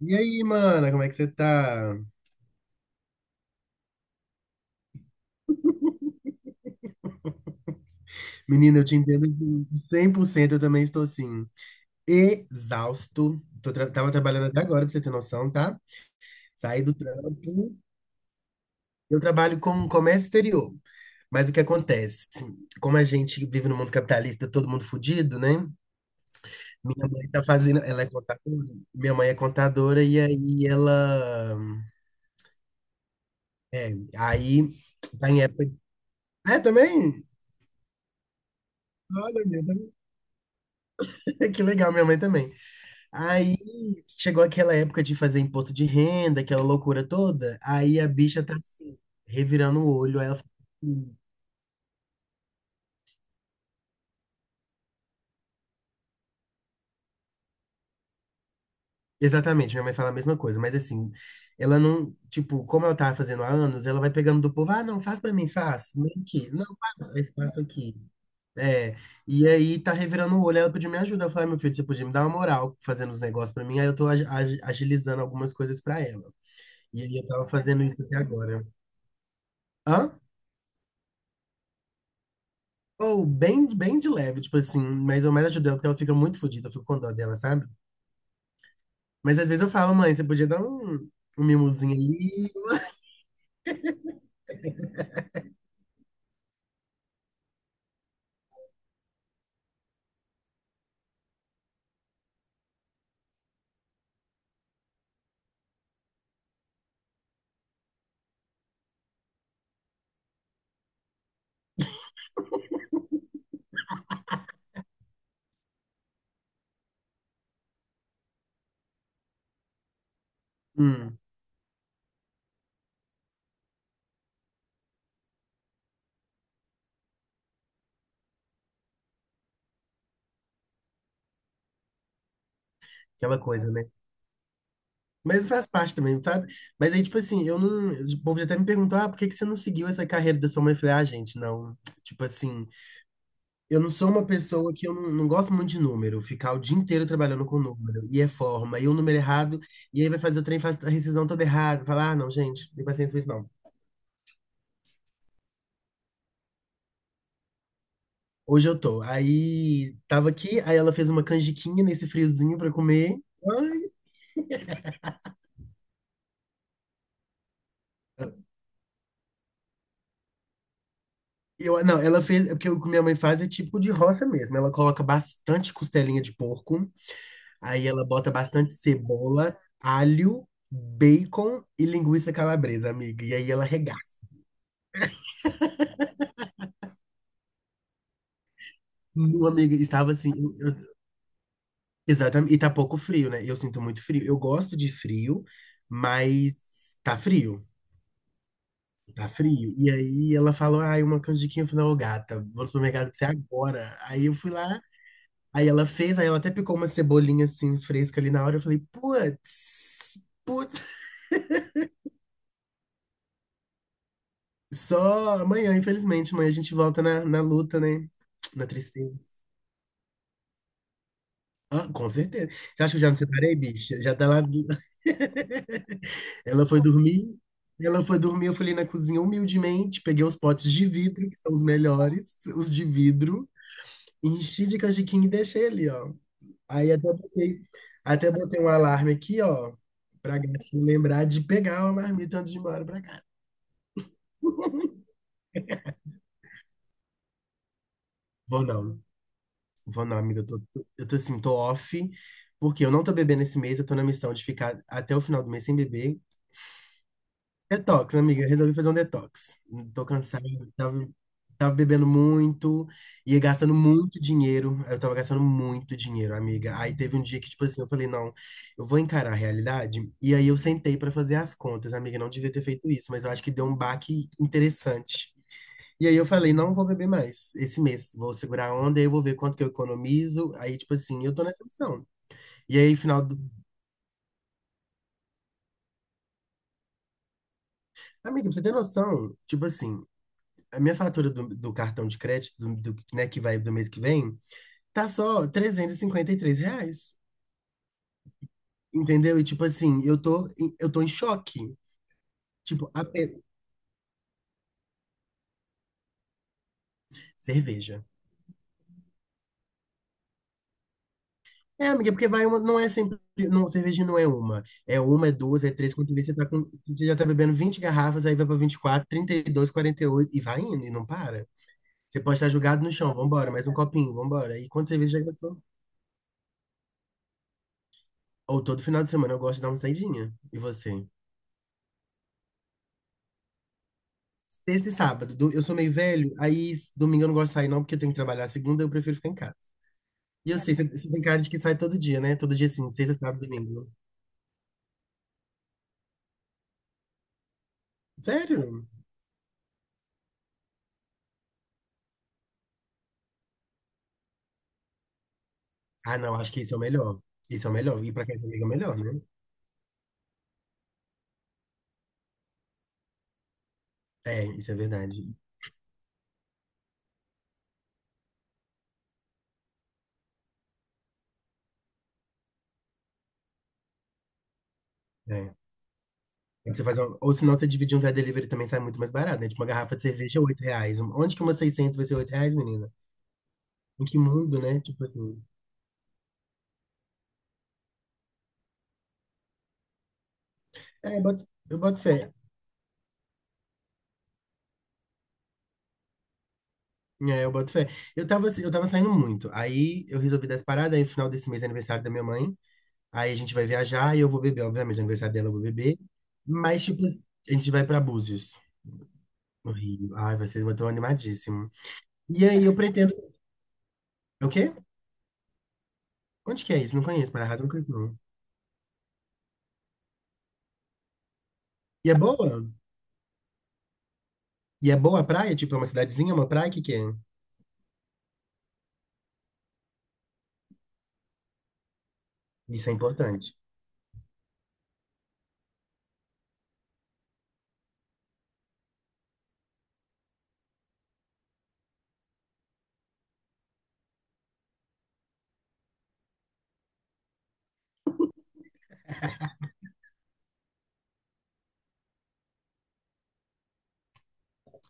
E aí, mana, como é que você tá? Menina, eu te entendo assim, 100%, eu também estou assim, exausto. Tava trabalhando até agora, pra você ter noção, tá? Saí do trampo. Eu trabalho com comércio exterior, mas o que acontece? Assim, como a gente vive no mundo capitalista, todo mundo fudido, né? Minha mãe tá fazendo, ela é contadora, e aí ela, aí tá em época. É, também? Olha, meu, também. Que legal, minha mãe também. Aí chegou aquela época de fazer imposto de renda, aquela loucura toda. Aí a bicha tá assim, revirando o olho. Aí ela fala assim, exatamente, minha mãe fala a mesma coisa, mas assim, ela não, tipo, como ela tava fazendo há anos, ela vai pegando do povo, ah, não, faz pra mim, faz, vem aqui, não, faz, aí faço aqui. É, e aí tá revirando o olho, ela pediu minha ajuda. Eu falei, "Ah, meu filho, você podia me dar uma moral fazendo os negócios pra mim", aí eu tô agilizando algumas coisas pra ela. E aí eu tava fazendo isso até agora. Hã? Ou bem, bem de leve, tipo assim, mas eu mais ajudo ela porque ela fica muito fodida, eu fico com dó dela, sabe? Mas às vezes eu falo, mãe, você podia dar um, um mimozinho ali, hum, aquela coisa, né? Mas faz parte também, sabe? Mas aí, tipo assim, eu não. O povo já até me perguntou, ah, por que que você não seguiu essa carreira da sua mãe? Eu falei, ah, gente, não. Tipo assim, eu não sou uma pessoa que eu não, não gosto muito de número, ficar o dia inteiro trabalhando com número, e é forma, e o número errado, e aí vai fazer o trem, faz a rescisão toda errada, falar, ah, não, gente, não tem paciência pra isso, não. Hoje eu tô. Aí tava aqui, aí ela fez uma canjiquinha nesse friozinho pra comer. Ai, eu, não, ela fez, porque o que minha mãe faz é tipo de roça mesmo. Ela coloca bastante costelinha de porco, aí ela bota bastante cebola, alho, bacon e linguiça calabresa, amiga. E aí ela regaça. Meu amigo, estava assim, exatamente, e tá pouco frio, né? Eu sinto muito frio. Eu gosto de frio, mas tá frio. Tá frio. E aí ela falou, ah, uma canjiquinha. Eu falei, ô gata, vou no supermercado com você agora. Aí eu fui lá, aí ela fez, aí ela até picou uma cebolinha assim, fresca ali na hora. Eu falei, putz, putz. Só amanhã, infelizmente. Amanhã a gente volta na, na luta, né? Na tristeza. Ah, com certeza. Você acha que eu já me separei, bicha? Já tá lá. Ela foi dormir. Ela foi dormir, eu falei na cozinha humildemente, peguei os potes de vidro, que são os melhores, os de vidro, enchi de canjiquinha e deixei ali, ó. Aí até botei, um alarme aqui, ó, pra gatinho lembrar de pegar uma marmita antes de ir embora pra casa. Vou não, amiga. Eu tô assim, tô off, porque eu não tô bebendo esse mês, eu tô na missão de ficar até o final do mês sem beber. Detox, amiga. Eu Resolvi fazer um detox. Tô cansado. Tava, bebendo muito, ia gastando muito dinheiro. Eu tava gastando muito dinheiro, amiga. Aí teve um dia que, tipo assim, eu falei, não, eu vou encarar a realidade. E aí eu sentei pra fazer as contas, amiga. Não devia ter feito isso, mas eu acho que deu um baque interessante. E aí eu falei, não vou beber mais esse mês. Vou segurar a onda, aí eu vou ver quanto que eu economizo. Aí, tipo assim, eu tô nessa missão. E aí, final do... Amiga, pra você ter noção, tipo assim, a minha fatura do cartão de crédito, do, né, que vai do mês que vem, tá só R$ 353. Entendeu? E tipo assim, eu tô em choque. Tipo, a pe- Cerveja. É, amiga, porque vai uma, não é sempre, não, cerveja não é uma. É uma, é duas, é três, quando vê, você tá com, você já tá bebendo 20 garrafas, aí vai pra 24, 32, 48, e dois, quarenta e oito, e vai indo, e não para. Você pode estar jogado no chão, vambora, mais um copinho, vambora. E quando cerveja já gastou? Ou todo final de semana eu gosto de dar uma saidinha. E você? Sexta e sábado. Eu sou meio velho, domingo eu não gosto de sair, não, porque eu tenho que trabalhar. Segunda eu prefiro ficar em casa. E eu sei, você tem cara de que sai todo dia, né? Todo dia assim, sexta, sábado, domingo. Sério? Ah, não, acho que esse é o melhor. Esse é o melhor. Ir pra casa amiga é o melhor, né? É, isso é verdade. É. Tem que Você fazer uma- Ou senão você dividir um Zé Delivery também sai muito mais barato, né? Tipo, uma garrafa de cerveja é R$ 8. Onde que uma 600 vai ser R$ 8, menina? Em que mundo, né? Tipo assim. É, eu boto fé. É, eu boto fé. Eu tava, assim, eu tava saindo muito. Aí eu resolvi dar essa parada, aí no final desse mês é aniversário da minha mãe. Aí a gente vai viajar e eu vou beber, obviamente, no aniversário dela eu vou beber. Mas, tipo, assim, a gente vai pra Búzios, no Rio. Ai, vai ser, eu tô animadíssimo. E aí eu pretendo. É O quê? Onde que é isso? Não conheço, Mararrazo não conheço, não. E é boa? E é boa a praia? Tipo, é uma cidadezinha, uma praia? O que que é? Isso é importante.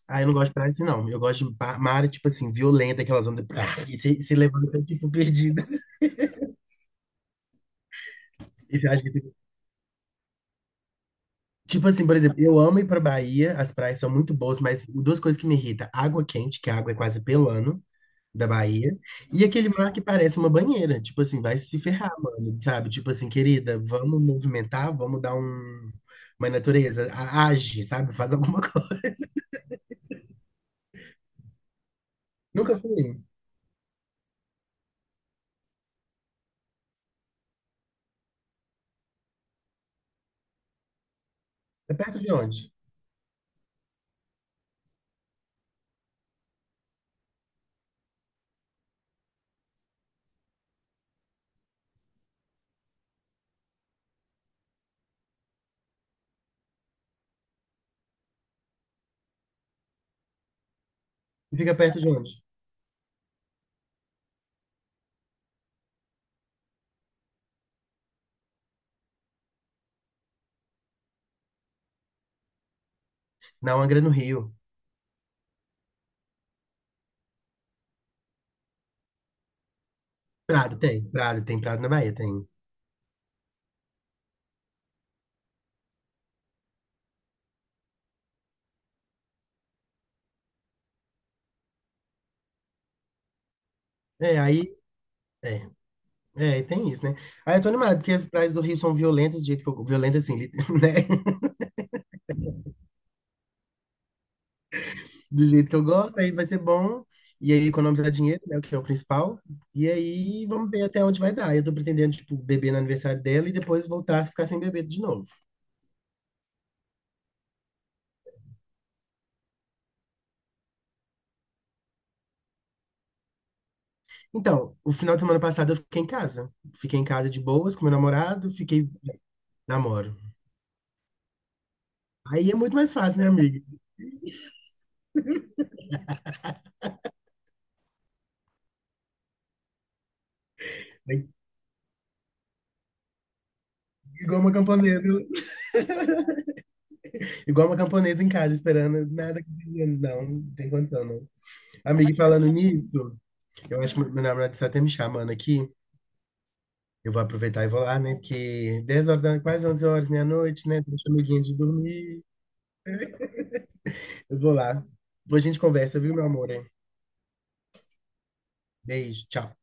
Ah, eu não gosto de praia assim, não. Eu gosto de pa- Mar, tipo assim, violenta, aquelas ondas. Prá, e se levando, tipo, perdidas. E você acha que tipo assim, por exemplo, eu amo ir pra Bahia, as praias são muito boas, mas duas coisas que me irritam: água quente, que a água é quase pelando da Bahia, e aquele mar que parece uma banheira. Tipo assim, vai se ferrar, mano, sabe? Tipo assim, querida, vamos movimentar, vamos dar um... uma natureza, age, sabe? Faz alguma coisa. Nunca fui. É perto de onde? Fica perto de onde? Na Angra, no Rio. Prado tem, Prado tem, Prado na Bahia tem. É, aí. É, é, tem isso, né? Aí eu tô animado, porque as praias do Rio são violentas, do jeito que eu. Violentas, assim, né? Do jeito que eu gosto, aí vai ser bom. E aí economizar dinheiro, né, o que é o principal. E aí vamos ver até onde vai dar. Eu tô pretendendo, tipo, beber no aniversário dela e depois voltar a ficar sem beber de novo. Então, o final de semana passado eu fiquei em casa. Fiquei em casa de boas com meu namorado, fiquei namoro. Aí é muito mais fácil, né, amiga? Aí, igual uma camponesa, igual uma camponesa em casa esperando nada acontecendo. Não, não tem condição, não. Amiga, e falando nisso, eu acho que meu namorado está até me chamando aqui. Eu vou aproveitar e vou lá, né? Que 10 horas da quase 11 horas, meia-noite, né? Deixa o amiguinho de dormir. Eu vou lá. Depois a gente conversa, viu, meu amor? Hein? Beijo, tchau.